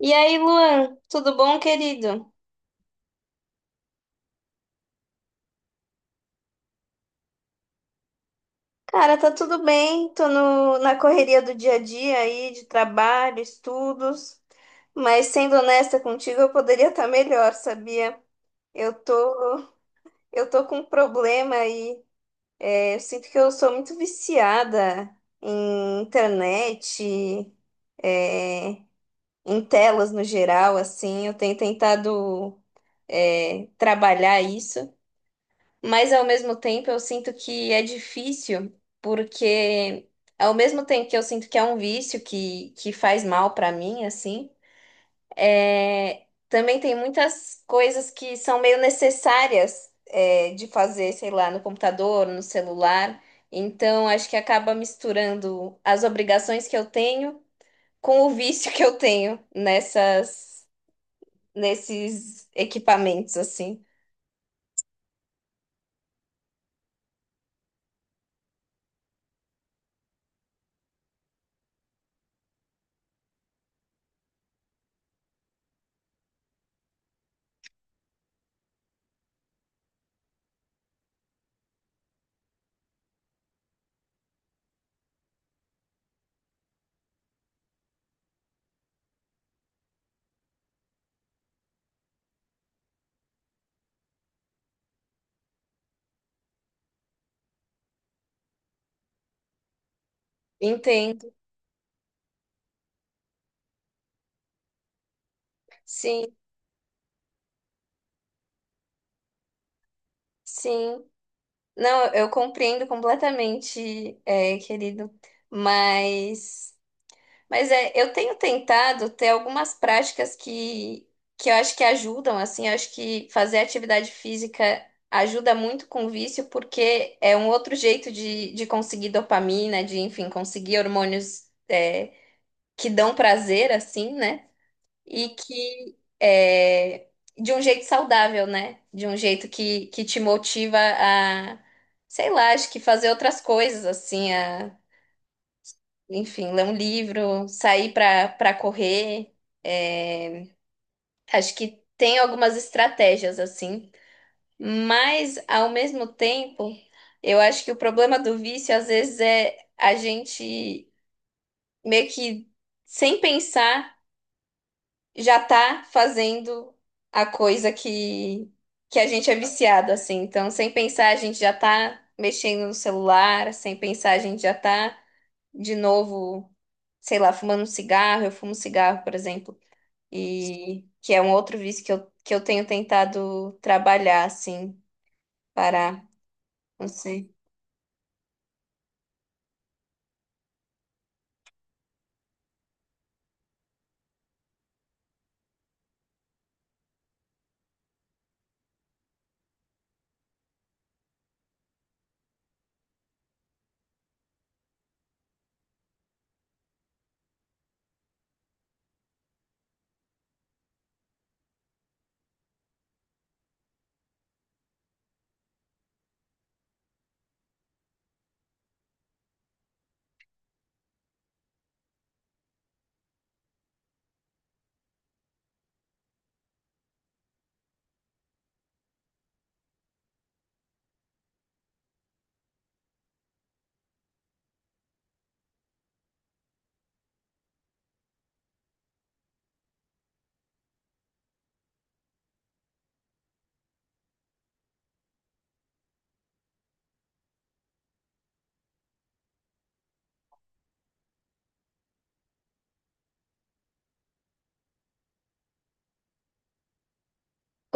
E aí, Luan, tudo bom, querido? Cara, tá tudo bem, tô no, na correria do dia a dia aí, de trabalho, estudos, mas sendo honesta contigo, eu poderia estar melhor, sabia? Eu tô, eu tô com um problema aí, eu sinto que eu sou muito viciada em internet, é, em telas no geral, assim, eu tenho tentado, trabalhar isso. Mas ao mesmo tempo eu sinto que é difícil, porque ao mesmo tempo que eu sinto que é um vício que faz mal pra mim, assim, também tem muitas coisas que são meio necessárias, de fazer, sei lá, no computador, no celular. Então acho que acaba misturando as obrigações que eu tenho com o vício que eu tenho nesses equipamentos, assim. Entendo. Sim, sim. Não, eu compreendo completamente, querido, mas, mas, eu tenho tentado ter algumas práticas que eu acho que ajudam, assim, eu acho que fazer atividade física ajuda muito com o vício, porque é um outro jeito de conseguir dopamina, enfim, conseguir hormônios, que dão prazer, assim, né? E que, de um jeito saudável, né? De um jeito que te motiva, sei lá, acho que fazer outras coisas, assim, enfim, ler um livro, sair para correr. é, Acho que tem algumas estratégias, assim, mas ao mesmo tempo, eu acho que o problema do vício, às vezes, é a gente meio que sem pensar, já tá fazendo a coisa que a gente é viciado, assim. Então, sem pensar, a gente já tá mexendo no celular, sem pensar, a gente já tá de novo, sei lá, fumando um cigarro. Eu fumo cigarro, por exemplo, e que é um outro vício que eu tenho tentado trabalhar, assim, parar. Não sei.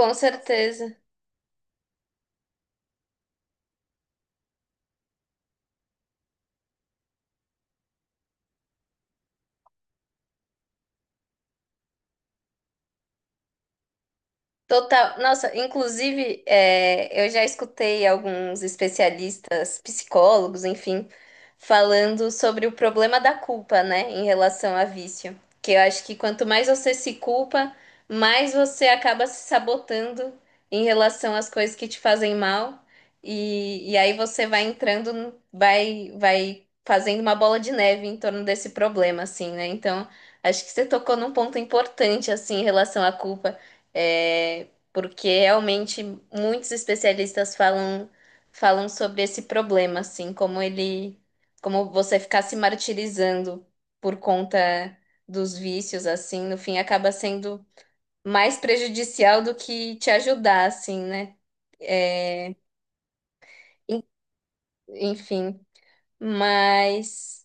Com certeza. Total. Nossa, inclusive, eu já escutei alguns especialistas, psicólogos, enfim, falando sobre o problema da culpa, né, em relação a vício. Que eu acho que quanto mais você se culpa, mais você acaba se sabotando em relação às coisas que te fazem mal. E aí você vai entrando, vai fazendo uma bola de neve em torno desse problema, assim, né? Então, acho que você tocou num ponto importante, assim, em relação à culpa, porque realmente muitos especialistas falam sobre esse problema, assim, como ele, como você ficar se martirizando por conta dos vícios, assim, no fim acaba sendo mais prejudicial do que te ajudar, assim, né? É, en- enfim, mas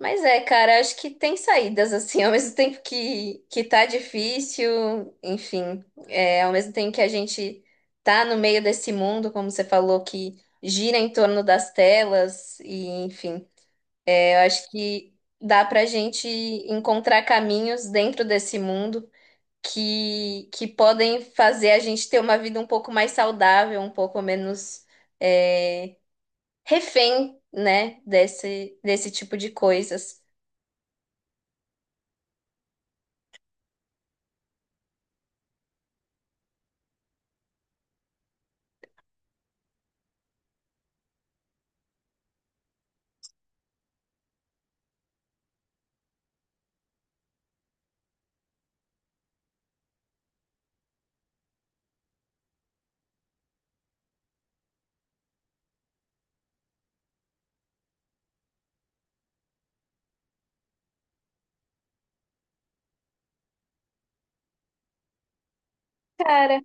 Mas, cara, acho que tem saídas, assim, ao mesmo tempo que tá difícil, enfim, ao mesmo tempo que a gente tá no meio desse mundo, como você falou, que gira em torno das telas, e enfim, eu acho que dá pra gente encontrar caminhos dentro desse mundo que podem fazer a gente ter uma vida um pouco mais saudável, um pouco menos, é, refém, né, desse tipo de coisas. Cara,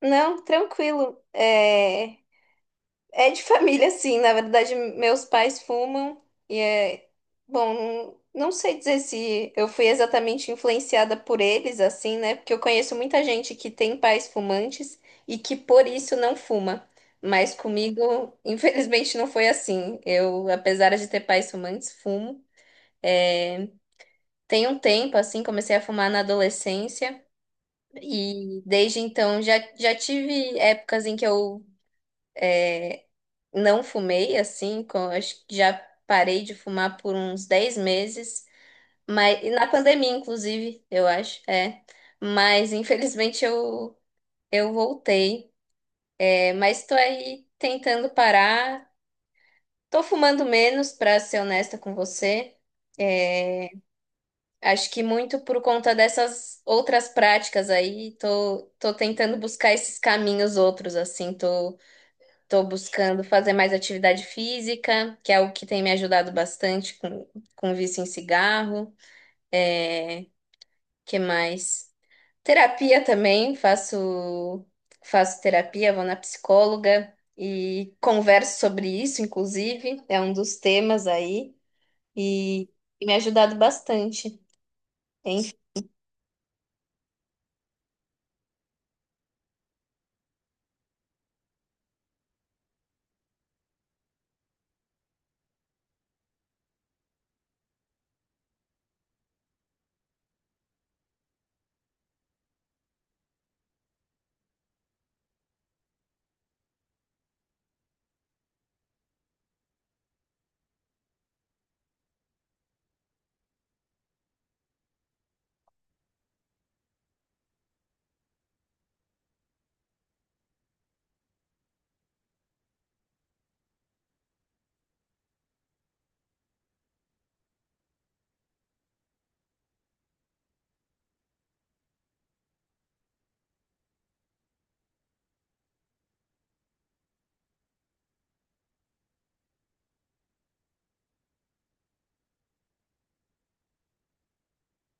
não, tranquilo. É de família, sim. Na verdade, meus pais fumam e é bom. Não sei dizer se eu fui exatamente influenciada por eles, assim, né? Porque eu conheço muita gente que tem pais fumantes e que por isso não fuma. Mas comigo, infelizmente, não foi assim. Eu, apesar de ter pais fumantes, fumo. É, tem um tempo, assim, comecei a fumar na adolescência e desde então já tive épocas em que eu não fumei assim, acho que já parei de fumar por uns 10 meses, mas e na pandemia, inclusive, eu acho. Mas infelizmente eu voltei. Mas estou aí tentando parar. Tô fumando menos, para ser honesta com você. É, acho que muito por conta dessas outras práticas aí, tô tentando buscar esses caminhos outros, assim, tô. Estou buscando fazer mais atividade física, que é o que tem me ajudado bastante com o vício em cigarro. É, que mais? Terapia também, faço terapia, vou na psicóloga e converso sobre isso, inclusive, é um dos temas aí, e, e me ajudado bastante. Enfim,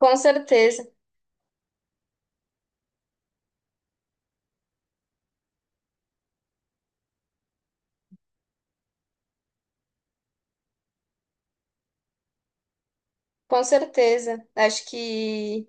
com certeza, com certeza. Acho que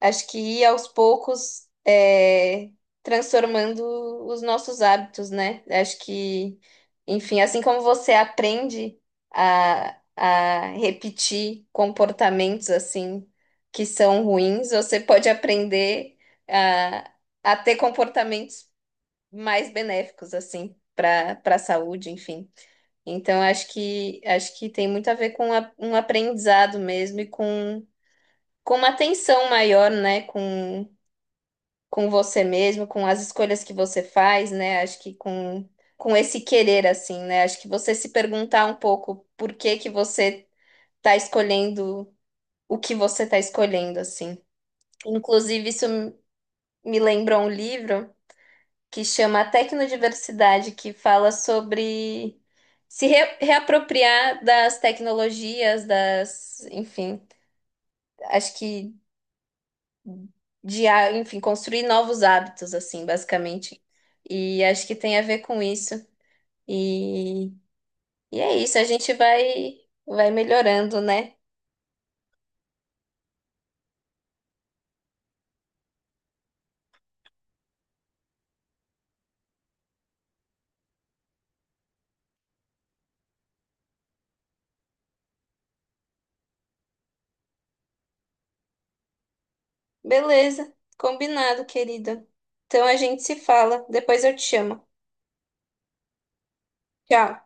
Acho que ir aos poucos, transformando os nossos hábitos, né? Acho que, enfim, assim como você aprende a repetir comportamentos assim que são ruins, você pode aprender a, a ter comportamentos mais benéficos, assim, para a saúde, enfim. Então, acho que tem muito a ver com um aprendizado mesmo e com uma atenção maior, né? Com você mesmo, com as escolhas que você faz, né? Acho que com esse querer, assim, né? Acho que você se perguntar um pouco por que que você tá escolhendo o que você tá escolhendo, assim. Inclusive, isso me lembrou um livro que chama Tecnodiversidade, que fala sobre se reapropriar das tecnologias, das, enfim, acho que ah, enfim, construir novos hábitos, assim, basicamente. E acho que tem a ver com isso. E, e é isso, a gente vai melhorando, né? Beleza, combinado, querida. Então a gente se fala, depois eu te chamo. Tchau.